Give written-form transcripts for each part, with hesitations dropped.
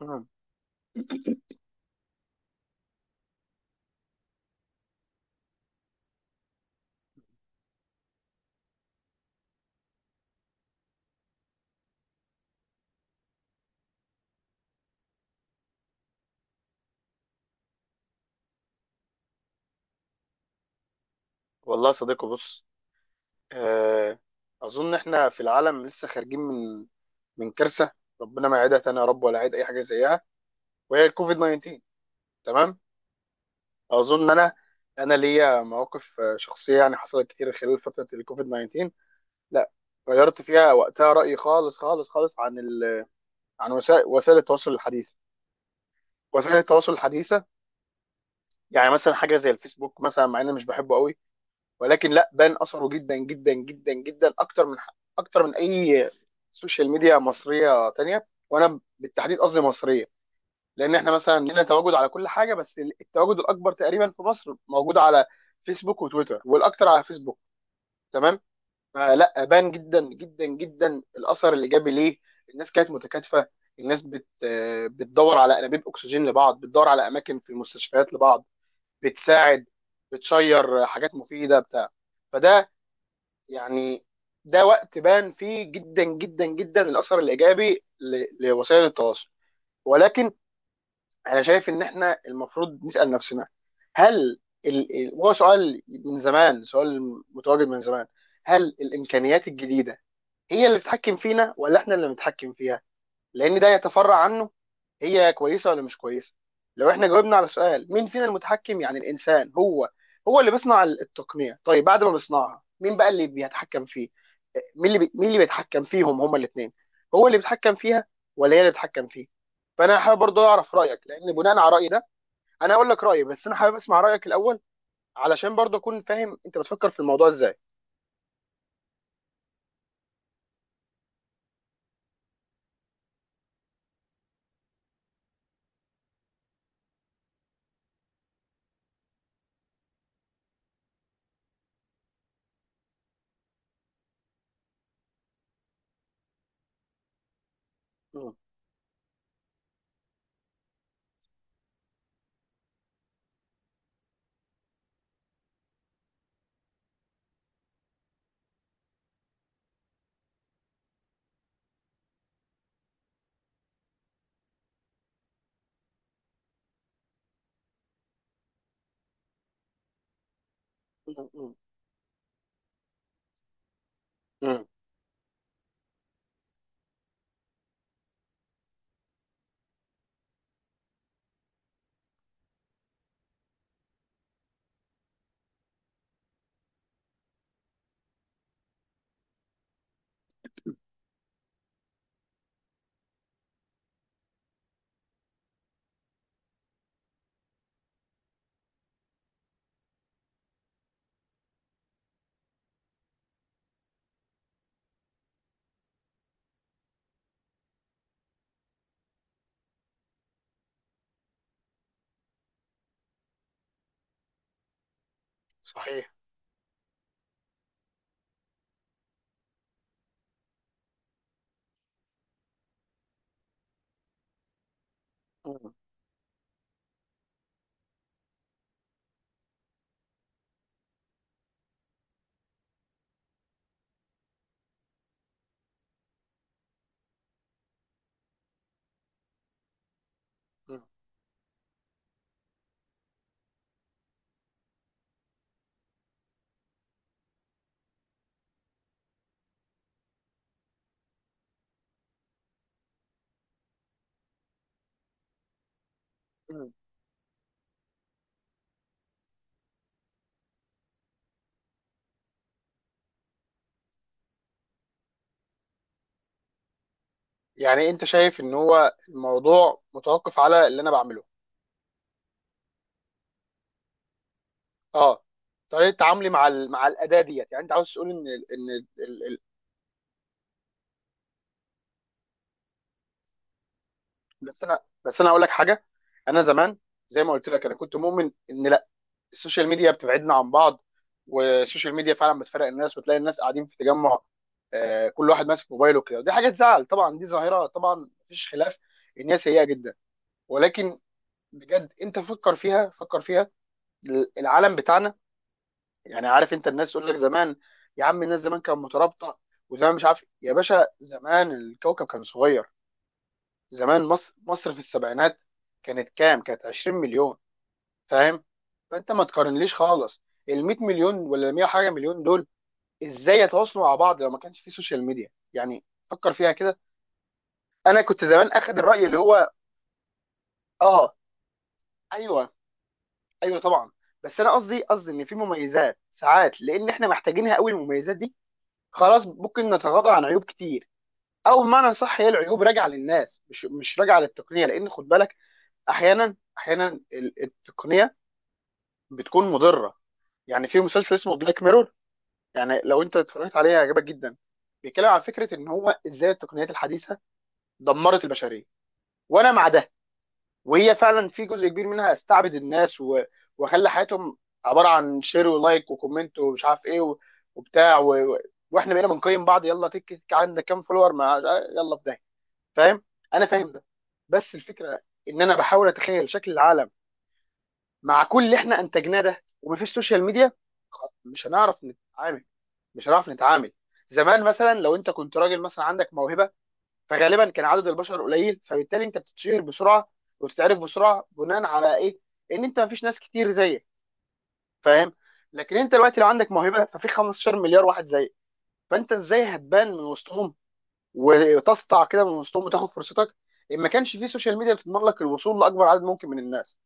مم. والله يا صديقي، بص، آه، اظن احنا في العالم لسه خارجين من كارثه، ربنا ما يعيدها تاني يا رب ولا يعيد اي حاجه زيها، وهي الكوفيد 19. تمام. اظن انا ليا مواقف شخصيه، يعني حصلت كتير خلال فتره الكوفيد 19. لا، غيرت فيها وقتها رايي خالص خالص خالص عن عن وسائل التواصل الحديثه، وسائل التواصل الحديثه. يعني مثلا حاجه زي الفيسبوك، مثلا مع اني مش بحبه قوي، ولكن لا، بان اثره جدا جدا جدا جدا، اكتر من اي سوشيال ميديا مصريه تانية، وانا بالتحديد قصدي مصريه، لان احنا مثلا لنا تواجد على كل حاجه، بس التواجد الاكبر تقريبا في مصر موجود على فيسبوك وتويتر، والاكتر على فيسبوك. تمام. فلا بان جدا جدا جدا الاثر الايجابي ليه. الناس كانت متكاتفه، الناس بتدور على انابيب اكسجين لبعض، بتدور على اماكن في المستشفيات لبعض، بتساعد، بتشير حاجات مفيده بتاع. فده يعني ده وقت بان فيه جدا جدا جدا الاثر الايجابي لوسائل التواصل. ولكن انا شايف ان احنا المفروض نسال نفسنا، هل وهو سؤال من زمان، سؤال متواجد من زمان، هل الامكانيات الجديده هي اللي بتتحكم فينا ولا احنا اللي بنتحكم فيها؟ لان ده يتفرع عنه، هي كويسه ولا مش كويسه؟ لو احنا جاوبنا على سؤال مين فينا المتحكم، يعني الانسان هو هو اللي بيصنع التقنيه، طيب بعد ما بيصنعها مين بقى اللي بيتحكم فيه؟ مين اللي بيتحكم فيهم هما الاثنين؟ هو اللي بيتحكم فيها ولا هي اللي بتتحكم فيه؟ فانا حابب برضه اعرف رايك، لان بناء على رايي ده، انا اقول لك رايي، بس انا حابب اسمع رايك الاول، علشان برضه اكون فاهم انت بتفكر في الموضوع ازاي. مم. مم. مم. مم. صحيح. مم. مم. يعني انت شايف ان هو الموضوع متوقف على اللي انا بعمله؟ اه، طريقه تعاملي مع مع الاداه ديت، يعني انت عاوز تقول ان ال... ال- بس انا اقول لك حاجه. انا زمان، زي ما قلت لك، انا كنت مؤمن ان لا، السوشيال ميديا بتبعدنا عن بعض، والسوشيال ميديا فعلا بتفرق الناس، وتلاقي الناس قاعدين في تجمع، كل واحد ماسك موبايله كده، ودي حاجه تزعل طبعا، دي ظاهره طبعا، مفيش خلاف ان هي سيئه جدا. ولكن بجد انت فكر فيها، فكر فيها، العالم بتاعنا، يعني عارف انت الناس تقول لك زمان، يا عم الناس زمان كانت مترابطه، وزمان مش عارف يا باشا، زمان الكوكب كان صغير. زمان مصر، في السبعينات، كانت كام؟ كانت 20 مليون. فاهم؟ فانت ما تقارنليش خالص ال 100 مليون، ولا ال 100 حاجه مليون دول، ازاي يتواصلوا مع بعض لو ما كانش في سوشيال ميديا؟ يعني فكر فيها كده. انا كنت زمان اخد الراي اللي هو اه، ايوه، ايوه طبعا. بس انا قصدي ان في مميزات ساعات، لان احنا محتاجينها قوي المميزات دي، خلاص، ممكن نتغاضى عن عيوب كتير. او بمعنى صح، هي العيوب راجعه للناس، مش راجعه للتقنيه، لان خد بالك، احيانا احيانا التقنيه بتكون مضره. يعني في مسلسل اسمه بلاك ميرور، يعني لو انت اتفرجت عليه هيعجبك جدا، بيتكلم عن فكره ان هو ازاي التقنيات الحديثه دمرت البشريه، وانا مع ده. وهي فعلا في جزء كبير منها استعبد الناس وخلى حياتهم عباره عن شير ولايك وكومنت ومش عارف ايه، وبتاع واحنا بقينا بنقيم بعض، يلا تك تك عندك كام فولور، ما يلا في ده. فاهم؟ انا فاهم ده، بس الفكره ان انا بحاول اتخيل شكل العالم مع كل اللي احنا انتجناه ده ومفيش سوشيال ميديا. مش هنعرف نتعامل، مش هنعرف نتعامل. زمان مثلا لو انت كنت راجل مثلا عندك موهبه، فغالبا كان عدد البشر قليل، فبالتالي انت بتتشهر بسرعه، وبتتعرف بسرعه، بناء على ايه؟ ان انت مفيش ناس كتير زيك. فاهم؟ لكن انت دلوقتي لو عندك موهبه، ففي 15 مليار واحد زيك، فانت ازاي هتبان من وسطهم، وتسطع كده من وسطهم، وتاخد فرصتك، ان ما كانش في سوشيال ميديا بتضمن لك الوصول لاكبر عدد ممكن من الناس؟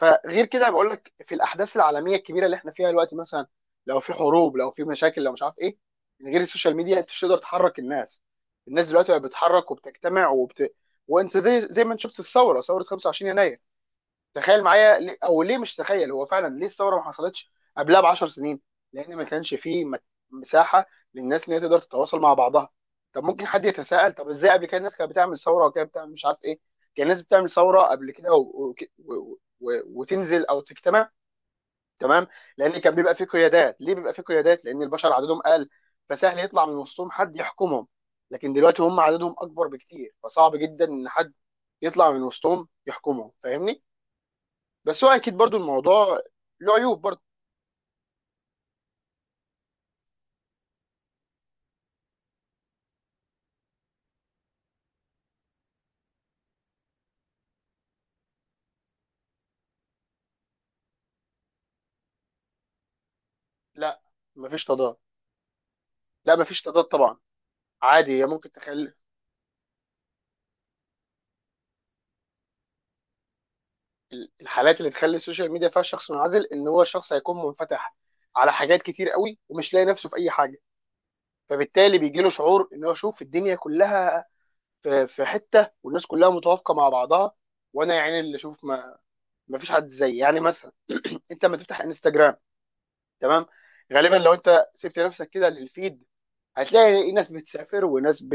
فغير كده، بقول لك في الاحداث العالميه الكبيره اللي احنا فيها دلوقتي، مثلا لو في حروب، لو في مشاكل، لو مش عارف ايه، من غير السوشيال ميديا انت مش تقدر تحرك الناس. الناس دلوقتي بقت بتتحرك وبتجتمع وانت زي ما انت شفت الثوره، 25 يناير. تخيل معايا او ليه، مش تخيل، هو فعلا ليه الثوره ما حصلتش قبلها ب 10 سنين؟ لان ما كانش فيه مساحه للناس ان هي تقدر تتواصل مع بعضها. طب ممكن حد يتساءل، طب ازاي قبل كده الناس كانت بتعمل ثوره، وكانت بتعمل مش عارف ايه، كان الناس بتعمل ثوره قبل كده وتنزل او تجتمع. تمام. لان كان بيبقى فيه قيادات، ليه بيبقى فيه قيادات؟ لان البشر عددهم قل، فسهل يطلع من وسطهم حد يحكمهم، لكن دلوقتي هم عددهم اكبر بكتير، فصعب جدا ان حد يطلع من وسطهم يحكمهم. فاهمني؟ بس هو اكيد برضو الموضوع له عيوب برضو. لا، مفيش تضاد. لا، مفيش تضاد طبعا. عادي، هي ممكن تخلي، الحالات اللي تخلي السوشيال ميديا فيها الشخص منعزل، ان هو شخص هيكون منفتح على حاجات كتير قوي، ومش لاقي نفسه في اي حاجه، فبالتالي بيجي له شعور ان هو شوف الدنيا كلها، في حته والناس كلها متوافقه مع بعضها، وانا يعني اللي اشوف ما، مفيش حد زيي، يعني مثلا انت لما تفتح انستجرام، تمام، غالبا لو انت سبت نفسك كده للفيد، هتلاقي ناس بتسافر، وناس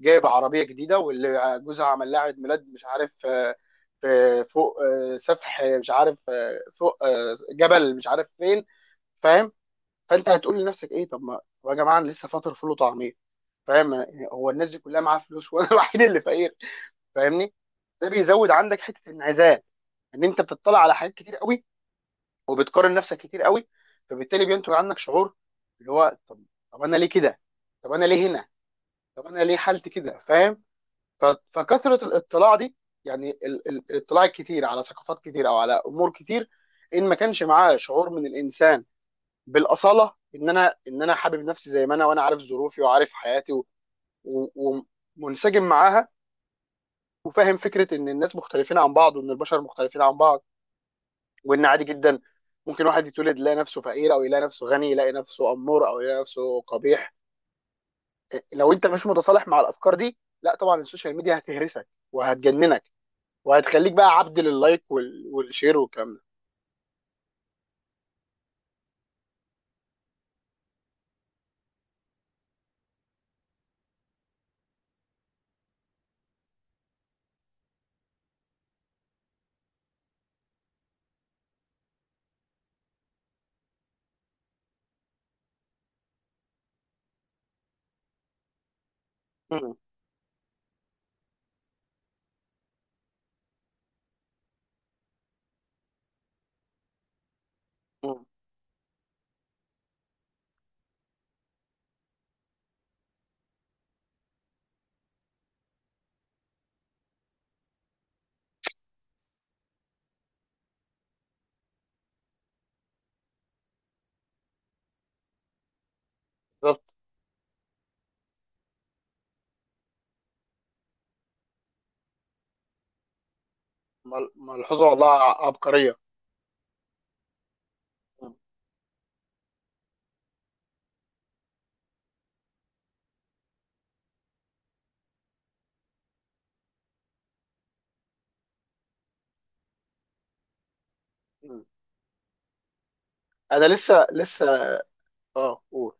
جايبه عربيه جديده، واللي جوزها عمل لها عيد ميلاد مش عارف، فوق سفح، مش عارف فوق جبل، مش عارف فين. فاهم؟ فانت هتقول لنفسك ايه؟ طب ما طب يا جماعه، انا لسه فاطر فول وطعميه، فاهم يعني؟ هو الناس دي كلها معاها فلوس، وانا الوحيد اللي فقير. فاهمني؟ ده بيزود عندك حته الانعزال، ان انت بتطلع على حاجات كتير قوي، وبتقارن نفسك كتير قوي، فبالتالي بينتج عنك شعور اللي هو طب، انا ليه كده؟ طب انا ليه هنا؟ طب انا ليه حالتي كده؟ فاهم؟ ف- فكثره الاطلاع دي، يعني الاطلاع الكتير على ثقافات كتير او على امور كتير، ان ما كانش معاه شعور من الانسان بالاصاله، ان انا حابب نفسي زي ما انا، وانا عارف ظروفي وعارف حياتي و- ومنسجم معاها، وفاهم فكره ان الناس مختلفين عن بعض، وان البشر مختلفين عن بعض، وان عادي جدا ممكن واحد يتولد يلاقي نفسه فقير، او يلاقي نفسه غني، يلاقي نفسه امور، او يلاقي نفسه قبيح. إيه، لو انت مش متصالح مع الافكار دي، لا طبعا السوشيال ميديا هتهرسك وهتجننك، وهتخليك بقى عبد لللايك والشير والكلام ده. مم. مم. بالظبط. ملحوظه والله، عبقريه. مم. مم. انا لسه، اه، قول.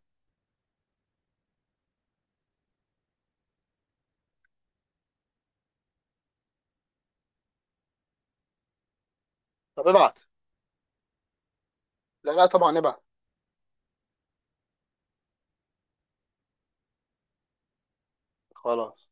طب، ابعت. لا، لا طبعا، ابعت. خلاص.